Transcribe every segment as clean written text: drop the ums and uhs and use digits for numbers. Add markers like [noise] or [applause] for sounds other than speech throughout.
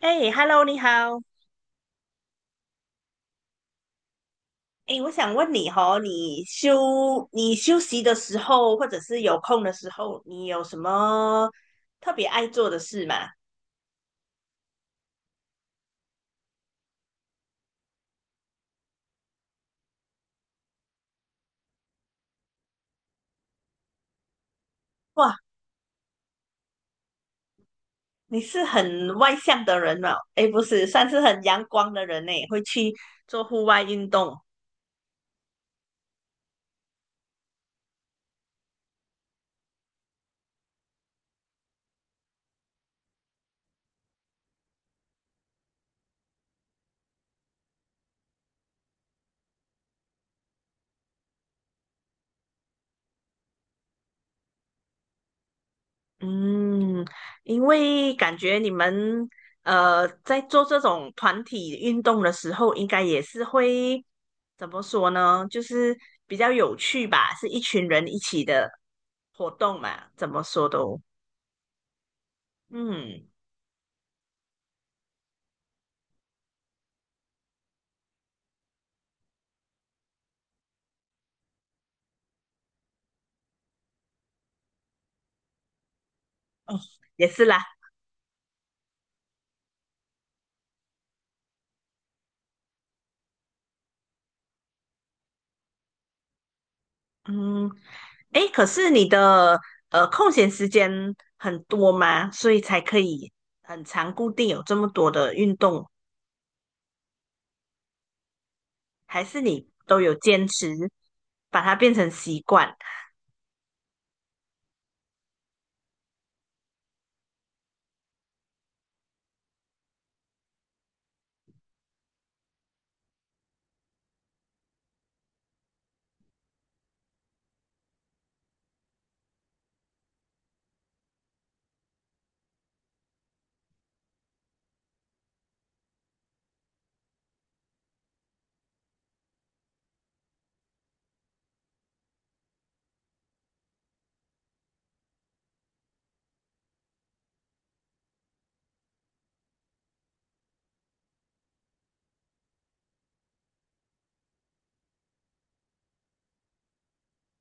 哎，Hello，你好。哎，我想问你哦，你休息的时候，或者是有空的时候，你有什么特别爱做的事吗？哇，你是很外向的人哦。哎，不是，算是很阳光的人呢，会去做户外运动。嗯，因为感觉你们在做这种团体运动的时候，应该也是会怎么说呢？就是比较有趣吧，是一群人一起的。活动嘛，怎么说都，嗯，哦，也是啦，嗯，诶，可是你的空闲时间很多吗？所以才可以很长固定有这么多的运动，还是你都有坚持把它变成习惯？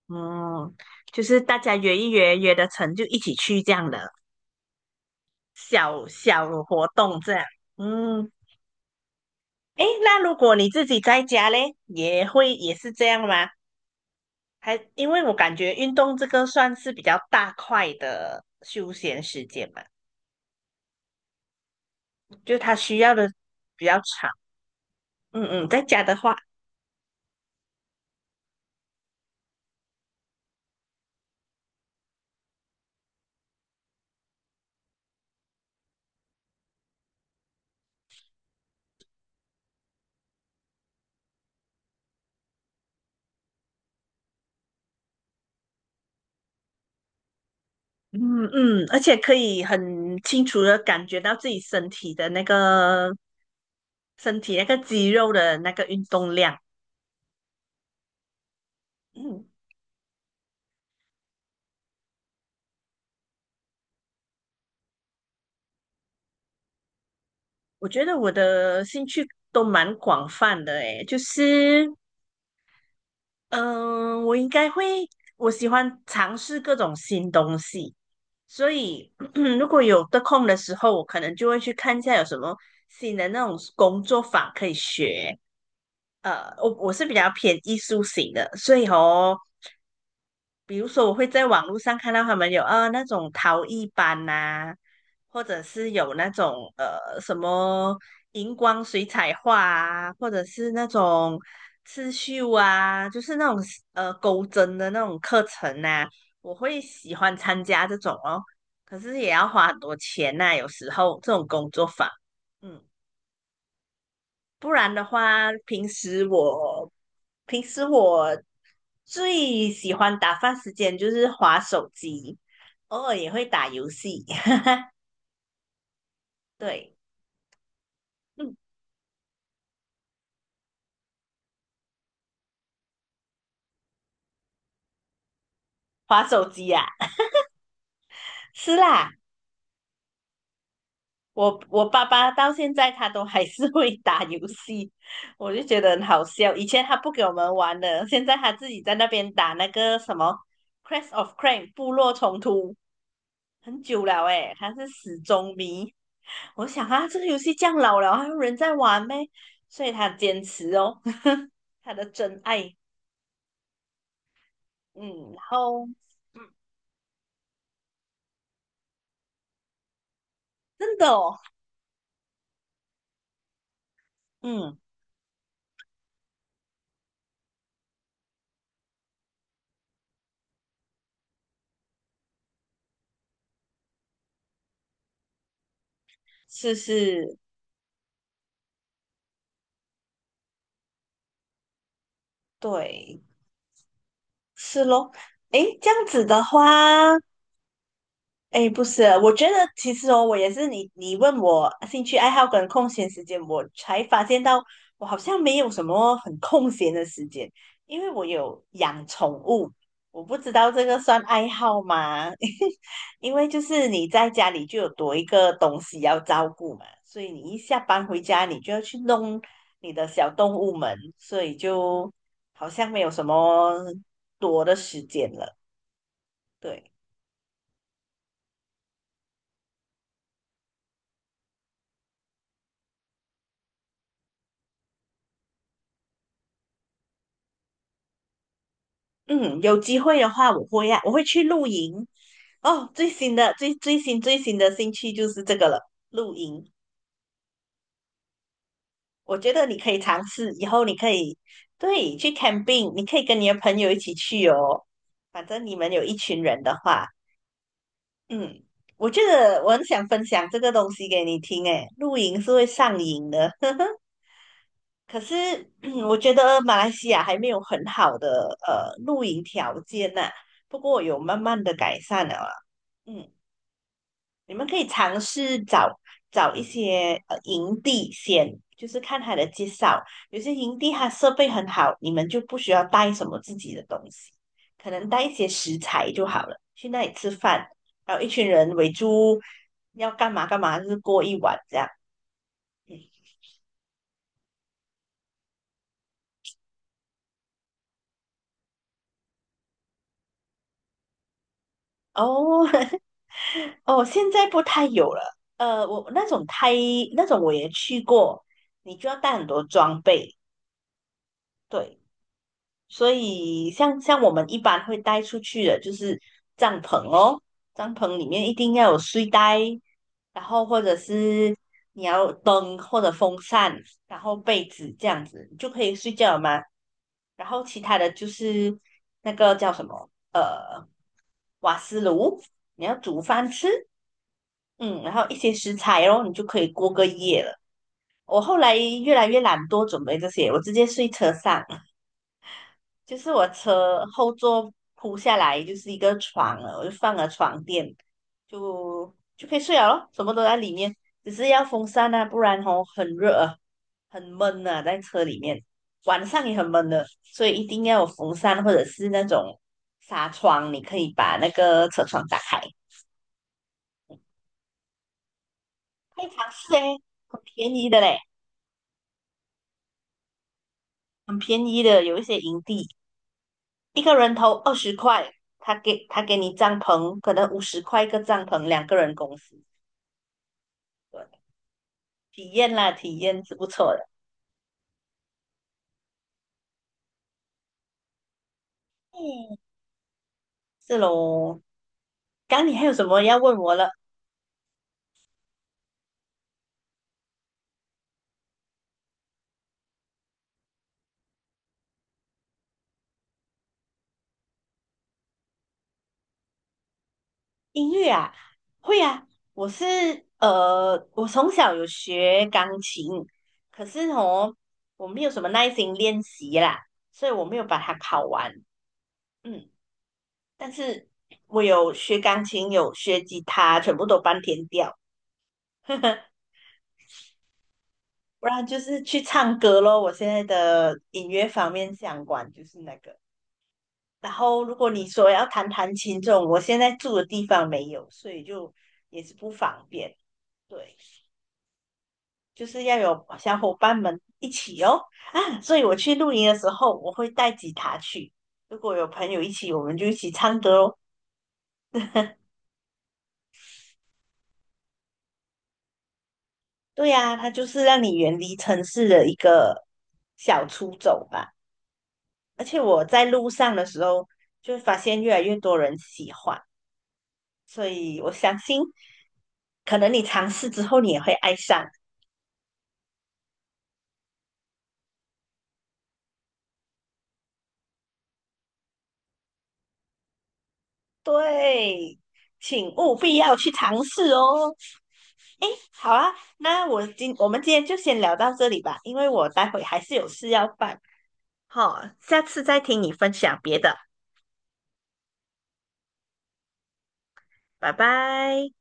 嗯，就是大家约一约，约得成就一起去这样的小小活动这样。嗯，诶，那如果你自己在家嘞，也是这样吗？还因为我感觉运动这个算是比较大块的休闲时间嘛，就它需要的比较长。嗯嗯，在家的话，嗯嗯，而且可以很清楚的感觉到自己身体的那个身体那个肌肉的那个运动量。嗯，我觉得我的兴趣都蛮广泛的诶，就是嗯、呃我应该会我喜欢尝试各种新东西。所以 [clears throat] 如果有得空的时候，我可能就会去看一下有什么新的那种工作法可以学。呃，我是比较偏艺术型的，所以哦，比如说，我会在网络上看到他们有那种陶艺班呐、或者是有那种什么荧光水彩画啊，或者是那种刺绣啊，就是那种钩针的那种课程呐、我会喜欢参加这种哦。可是也要花很多钱呐、有时候这种工作坊，嗯。不然的话，平时我最喜欢打发时间就是划手机，偶尔也会打游戏。[laughs] 对，嗯，划手机呀、是啦，我爸爸到现在他都还是会打游戏，我就觉得很好笑。以前他不给我们玩的，现在他自己在那边打那个什么《Crash of Clans》部落冲突，很久了诶，他是死忠迷。我想啊，这个游戏这样老了，还有人在玩呗，所以他坚持哦，[laughs] 他的真爱，嗯，然后真的哦，嗯，是是，对，是咯，诶，这样子的话，哎，不是，我觉得其实哦，我也是你，你问我兴趣爱好跟空闲时间，我才发现到我好像没有什么很空闲的时间，因为我有养宠物，我不知道这个算爱好吗？[laughs] 因为就是你在家里就有多一个东西要照顾嘛，所以你一下班回家，你就要去弄你的小动物们，所以就好像没有什么多的时间了。对。嗯，有机会的话，我会呀，我会去露营。哦，最新的兴趣就是这个了，露营。我觉得你可以尝试，以后你可以对去 camping，你可以跟你的朋友一起去哦。反正你们有一群人的话，嗯，我觉得我很想分享这个东西给你听。诶，露营是会上瘾的，[laughs] 可是我觉得马来西亚还没有很好的露营条件呐、不过有慢慢的改善了啊嗯。你们可以尝试找一些营地先，就是看他的介绍。有些营地它设备很好，你们就不需要带什么自己的东西，可能带一些食材就好了。去那里吃饭，然后一群人围住，要干嘛干嘛，就是过一晚这样。嗯哦 [laughs] 哦，现在不太有了。呃，我那种太那种我也去过，你就要带很多装备。对，所以像我们一般会带出去的，就是帐篷哦，帐篷里面一定要有睡袋，然后或者是你要灯或者风扇，然后被子这样子，你就可以睡觉了嘛。然后其他的就是那个叫什么，瓦斯炉，你要煮饭吃，嗯，然后一些食材哦，你就可以过个夜了。我后来越来越懒惰准备这些，我直接睡车上。就是我车后座铺下来就是一个床了，我就放了床垫，就可以睡了咯，什么都在里面，只是要风扇啊，不然哦很热啊，很闷啊，在车里面，晚上也很闷的，所以一定要有风扇或者是那种纱窗，你可以把那个车窗打开，可以尝试诶，很便宜的嘞，很便宜的，有一些营地一个人头20块。他给你帐篷，可能50块一个帐篷，两个人公司。对，体验啦，体验是不错的。嗯，是喽，刚你还有什么要问我了？音乐啊，会啊，我是呃，我从小有学钢琴，可是哦，我没有什么耐心练习啦，所以我没有把它考完。嗯，但是我有学钢琴，有学吉他，全部都半天掉。[laughs] 呵呵，不然就是去唱歌咯。我现在的音乐方面相关就是那个。然后如果你说要弹弹琴这种，我现在住的地方没有，所以就也是不方便。对，就是要有小伙伴们一起哦啊！所以我去露营的时候，我会带吉他去。如果有朋友一起，我们就一起唱歌哦。对呀、啊它就是让你远离城市的一个小出走吧。而且我在路上的时候，就发现越来越多人喜欢，所以我相信，可能你尝试之后，你也会爱上。对，请务必要去尝试哦。诶，好啊，那我们今天就先聊到这里吧，因为我待会还是有事要办。好，下次再听你分享别的，拜拜。